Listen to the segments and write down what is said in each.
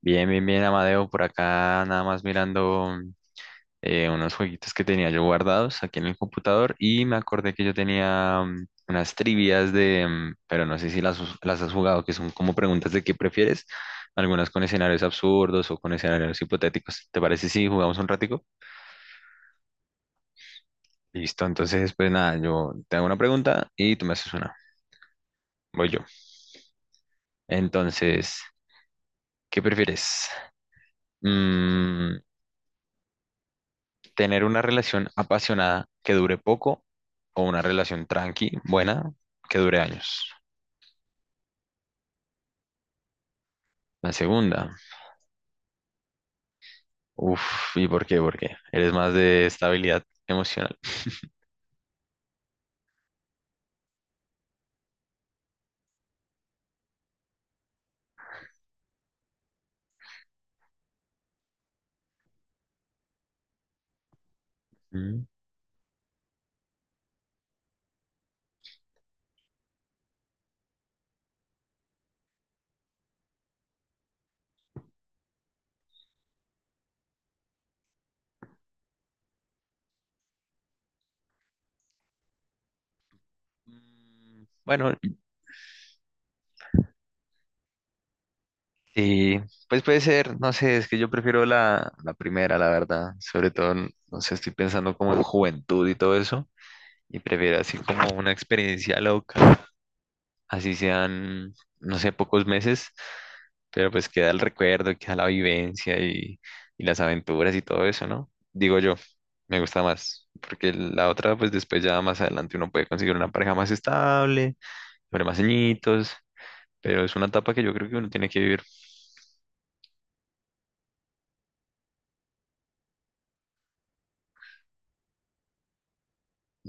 Bien, bien, bien, Amadeo, por acá nada más mirando unos jueguitos que tenía yo guardados aquí en el computador y me acordé que yo tenía unas trivias pero no sé si las has jugado, que son como preguntas de qué prefieres, algunas con escenarios absurdos o con escenarios hipotéticos. ¿Te parece si jugamos un ratico? Listo, entonces pues nada, yo te hago una pregunta y tú me haces una. Voy yo. Entonces, ¿qué prefieres? Mm, tener una relación apasionada que dure poco o una relación tranqui, buena, que dure años. La segunda, uff, ¿y por qué? ¿Por qué? Eres más de estabilidad emocional. Mm. Mm, bueno, sí, pues puede ser, no sé, es que yo prefiero la primera, la verdad, sobre todo, no sé, estoy pensando como en juventud y todo eso, y prefiero así como una experiencia loca. Así sean, no sé, pocos meses, pero pues queda el recuerdo, queda la vivencia y las aventuras y todo eso, ¿no? Digo yo, me gusta más, porque la otra, pues después ya más adelante uno puede conseguir una pareja más estable, sobre más añitos, pero es una etapa que yo creo que uno tiene que vivir.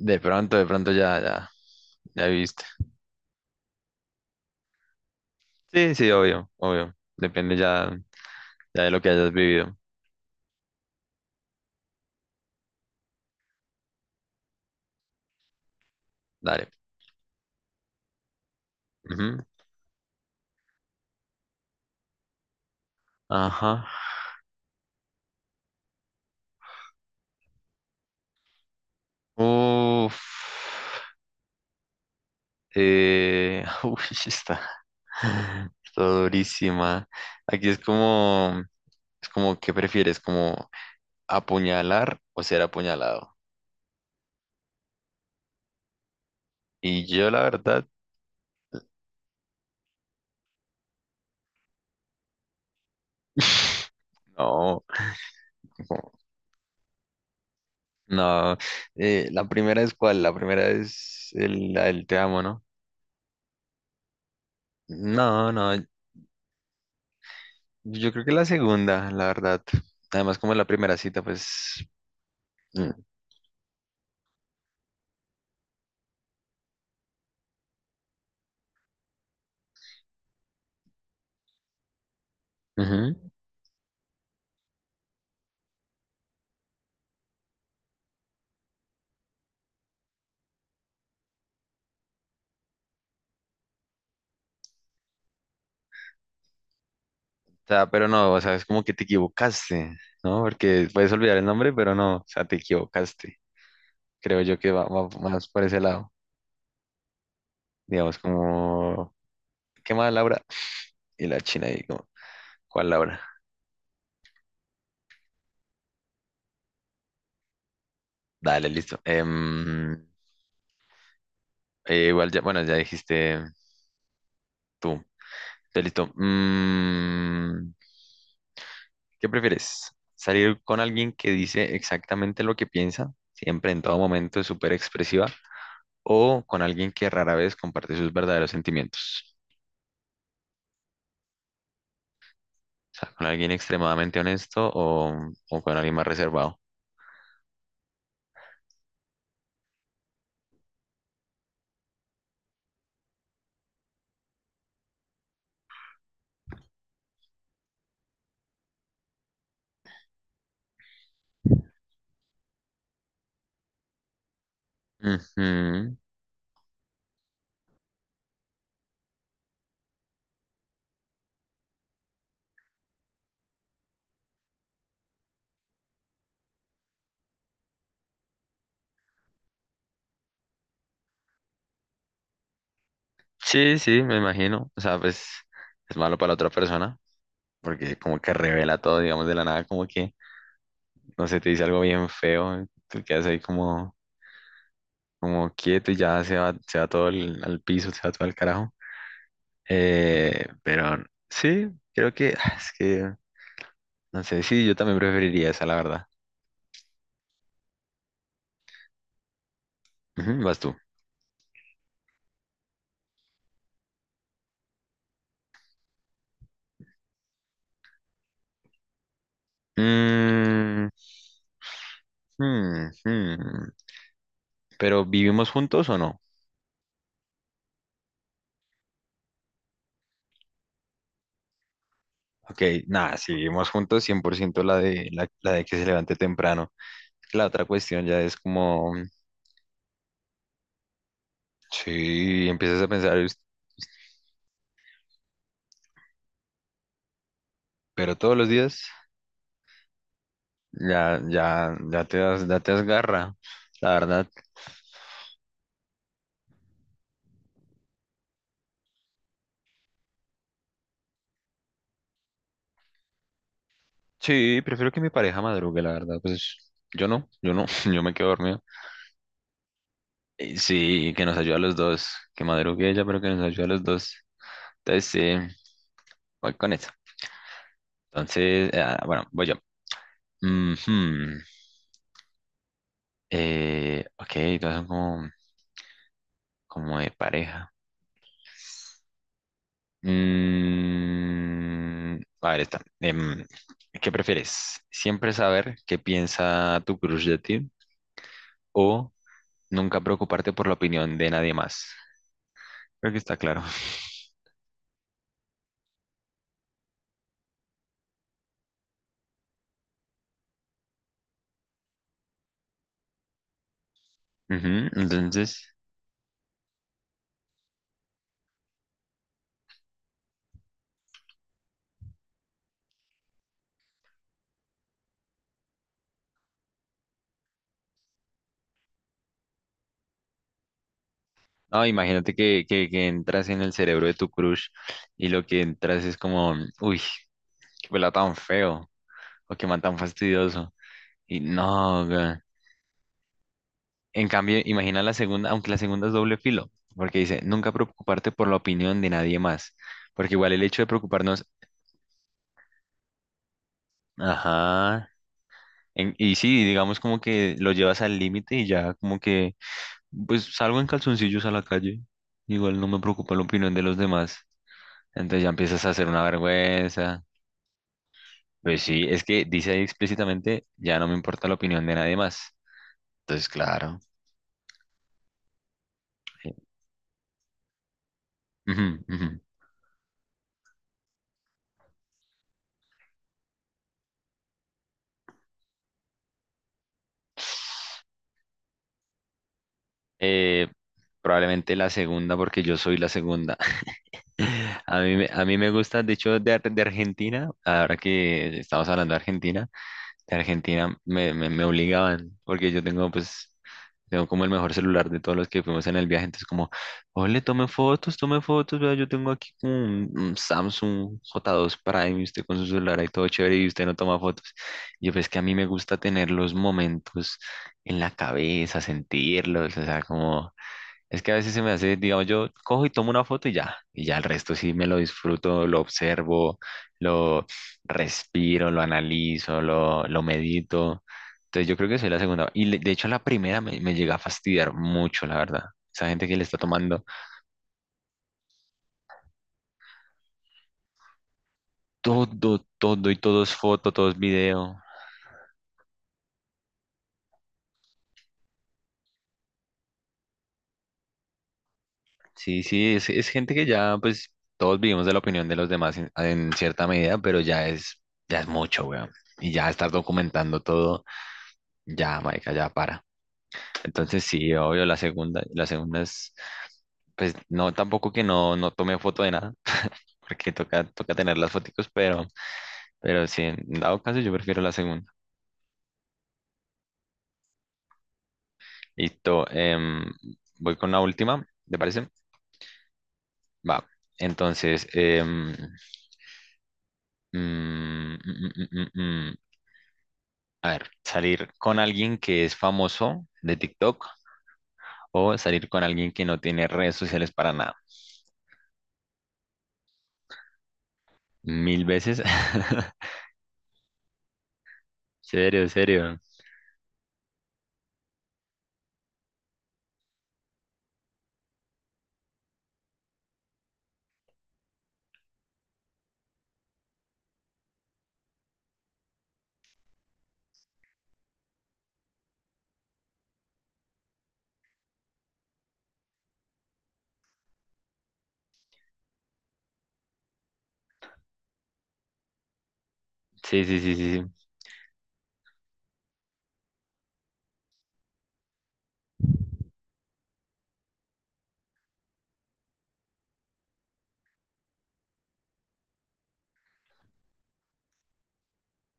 De pronto ya, ya, ya viviste. Sí, sí, obvio, obvio. Depende ya, ya de lo que hayas vivido. Dale. Ujú. Ajá. Uf. Uy, está, está durísima. Aquí es como, ¿qué prefieres? Como apuñalar o ser apuñalado. Y yo, la verdad, no, no. No. La primera es cuál, la primera es la del te amo, ¿no? No, no, yo creo que la segunda, la verdad. Además, como en la primera cita, pues. Mm. Ujú. O sea, pero no, o sea, es como que te equivocaste, ¿no? Porque puedes olvidar el nombre, pero no, o sea, te equivocaste. Creo yo que va, va más por ese lado. Digamos, como, ¿qué más, Laura? Y la china ahí, como, ¿cuál Laura? Dale, listo. Igual ya, bueno, ya dijiste tú. Ya listo. ¿Qué prefieres? ¿Salir con alguien que dice exactamente lo que piensa, siempre en todo momento es súper expresiva, o con alguien que rara vez comparte sus verdaderos sentimientos? O sea, con alguien extremadamente honesto o con alguien más reservado. Ujú. Sí, sí, me imagino. O sea, pues es malo para la otra persona porque como que revela todo, digamos, de la nada, como que, no sé, te dice algo bien feo, tú quedas ahí como, como quieto y ya se va todo al piso, se va todo al carajo. Pero sí, creo que es que, no sé, sí, yo también preferiría esa, la verdad. Ujú, vas tú. Mm, hmm, hmm. ¿Pero vivimos juntos o no? Ok, nada, si vivimos juntos, 100% la de que se levante temprano. La otra cuestión ya es como, sí, empiezas a pensar, "Uy, pero todos los días ya, ya, ya te das garra", la verdad. Sí, prefiero que mi pareja madrugue, la verdad, pues yo no, yo me quedo dormido. Y sí, que nos ayude a los dos, que madrugue ella, pero que nos ayude a los dos. Entonces, sí, voy con eso. Entonces, bueno, voy yo. Ujú. Ok, todas son como, de pareja. A ver, esta. ¿Qué prefieres? ¿Siempre saber qué piensa tu crush de ti o nunca preocuparte por la opinión de nadie más? Creo que está claro. Ujú. Entonces, no, imagínate que entras en el cerebro de tu crush y lo que entras es como, uy, qué pelado tan feo o qué man tan fastidioso. Y no, güey. En cambio, imagina la segunda, aunque la segunda es doble filo, porque dice, nunca preocuparte por la opinión de nadie más, porque igual el hecho de preocuparnos, ajá, y sí, digamos como que lo llevas al límite y ya como que, pues salgo en calzoncillos a la calle, igual no me preocupa la opinión de los demás, entonces ya empiezas a hacer una vergüenza, pues sí, es que dice ahí explícitamente, ya no me importa la opinión de nadie más, entonces claro. eh, ujú, ujú. Eh, Probablemente la segunda, porque yo soy la segunda. A mí me gusta, de hecho, de Argentina, ahora que estamos hablando de Argentina me obligaban, porque yo tengo, pues, tengo como el mejor celular de todos los que fuimos en el viaje, entonces como, ole, tome fotos, vea, yo tengo aquí como un, Samsung J2 Prime, y usted con su celular ahí todo chévere y usted no toma fotos. Y yo, pues, que a mí me gusta tener los momentos en la cabeza, sentirlos, o sea, como... Es que a veces se me hace, digamos, yo cojo y tomo una foto y ya el resto sí me lo disfruto, lo observo, lo respiro, lo analizo, lo medito. Entonces yo creo que soy la segunda. Y de hecho la primera me llega a fastidiar mucho, la verdad. Esa gente que le está tomando todo, todo y todo es foto, todo es video. Sí, sí, es gente que ya, pues, todos vivimos de la opinión de los demás en cierta medida, pero ya es mucho, weón. Y ya estar documentando todo, ya, marica, ya para. Entonces, sí, obvio, la segunda es, pues, no, tampoco que no, tome foto de nada, porque toca tener las foticos, pero sí, en dado caso, yo prefiero la segunda. Listo, voy con la última, ¿te parece? Va. Entonces, mm, mm, mm, mm, mm, mm. A ver, salir con alguien que es famoso de TikTok o salir con alguien que no tiene redes sociales para nada. Mil veces. Serio, serio. Sí, sí, sí, sí, sí.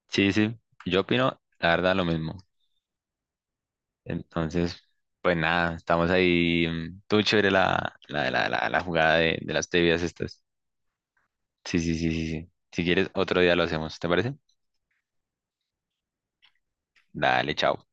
Sí, sí. Yo opino, la verdad, lo mismo. Entonces, pues nada, estamos ahí. Tú chévere la jugada de las tebias estas. Sí, sí, sí, sí, sí. Si quieres, otro día lo hacemos, ¿te parece? Dale, chao.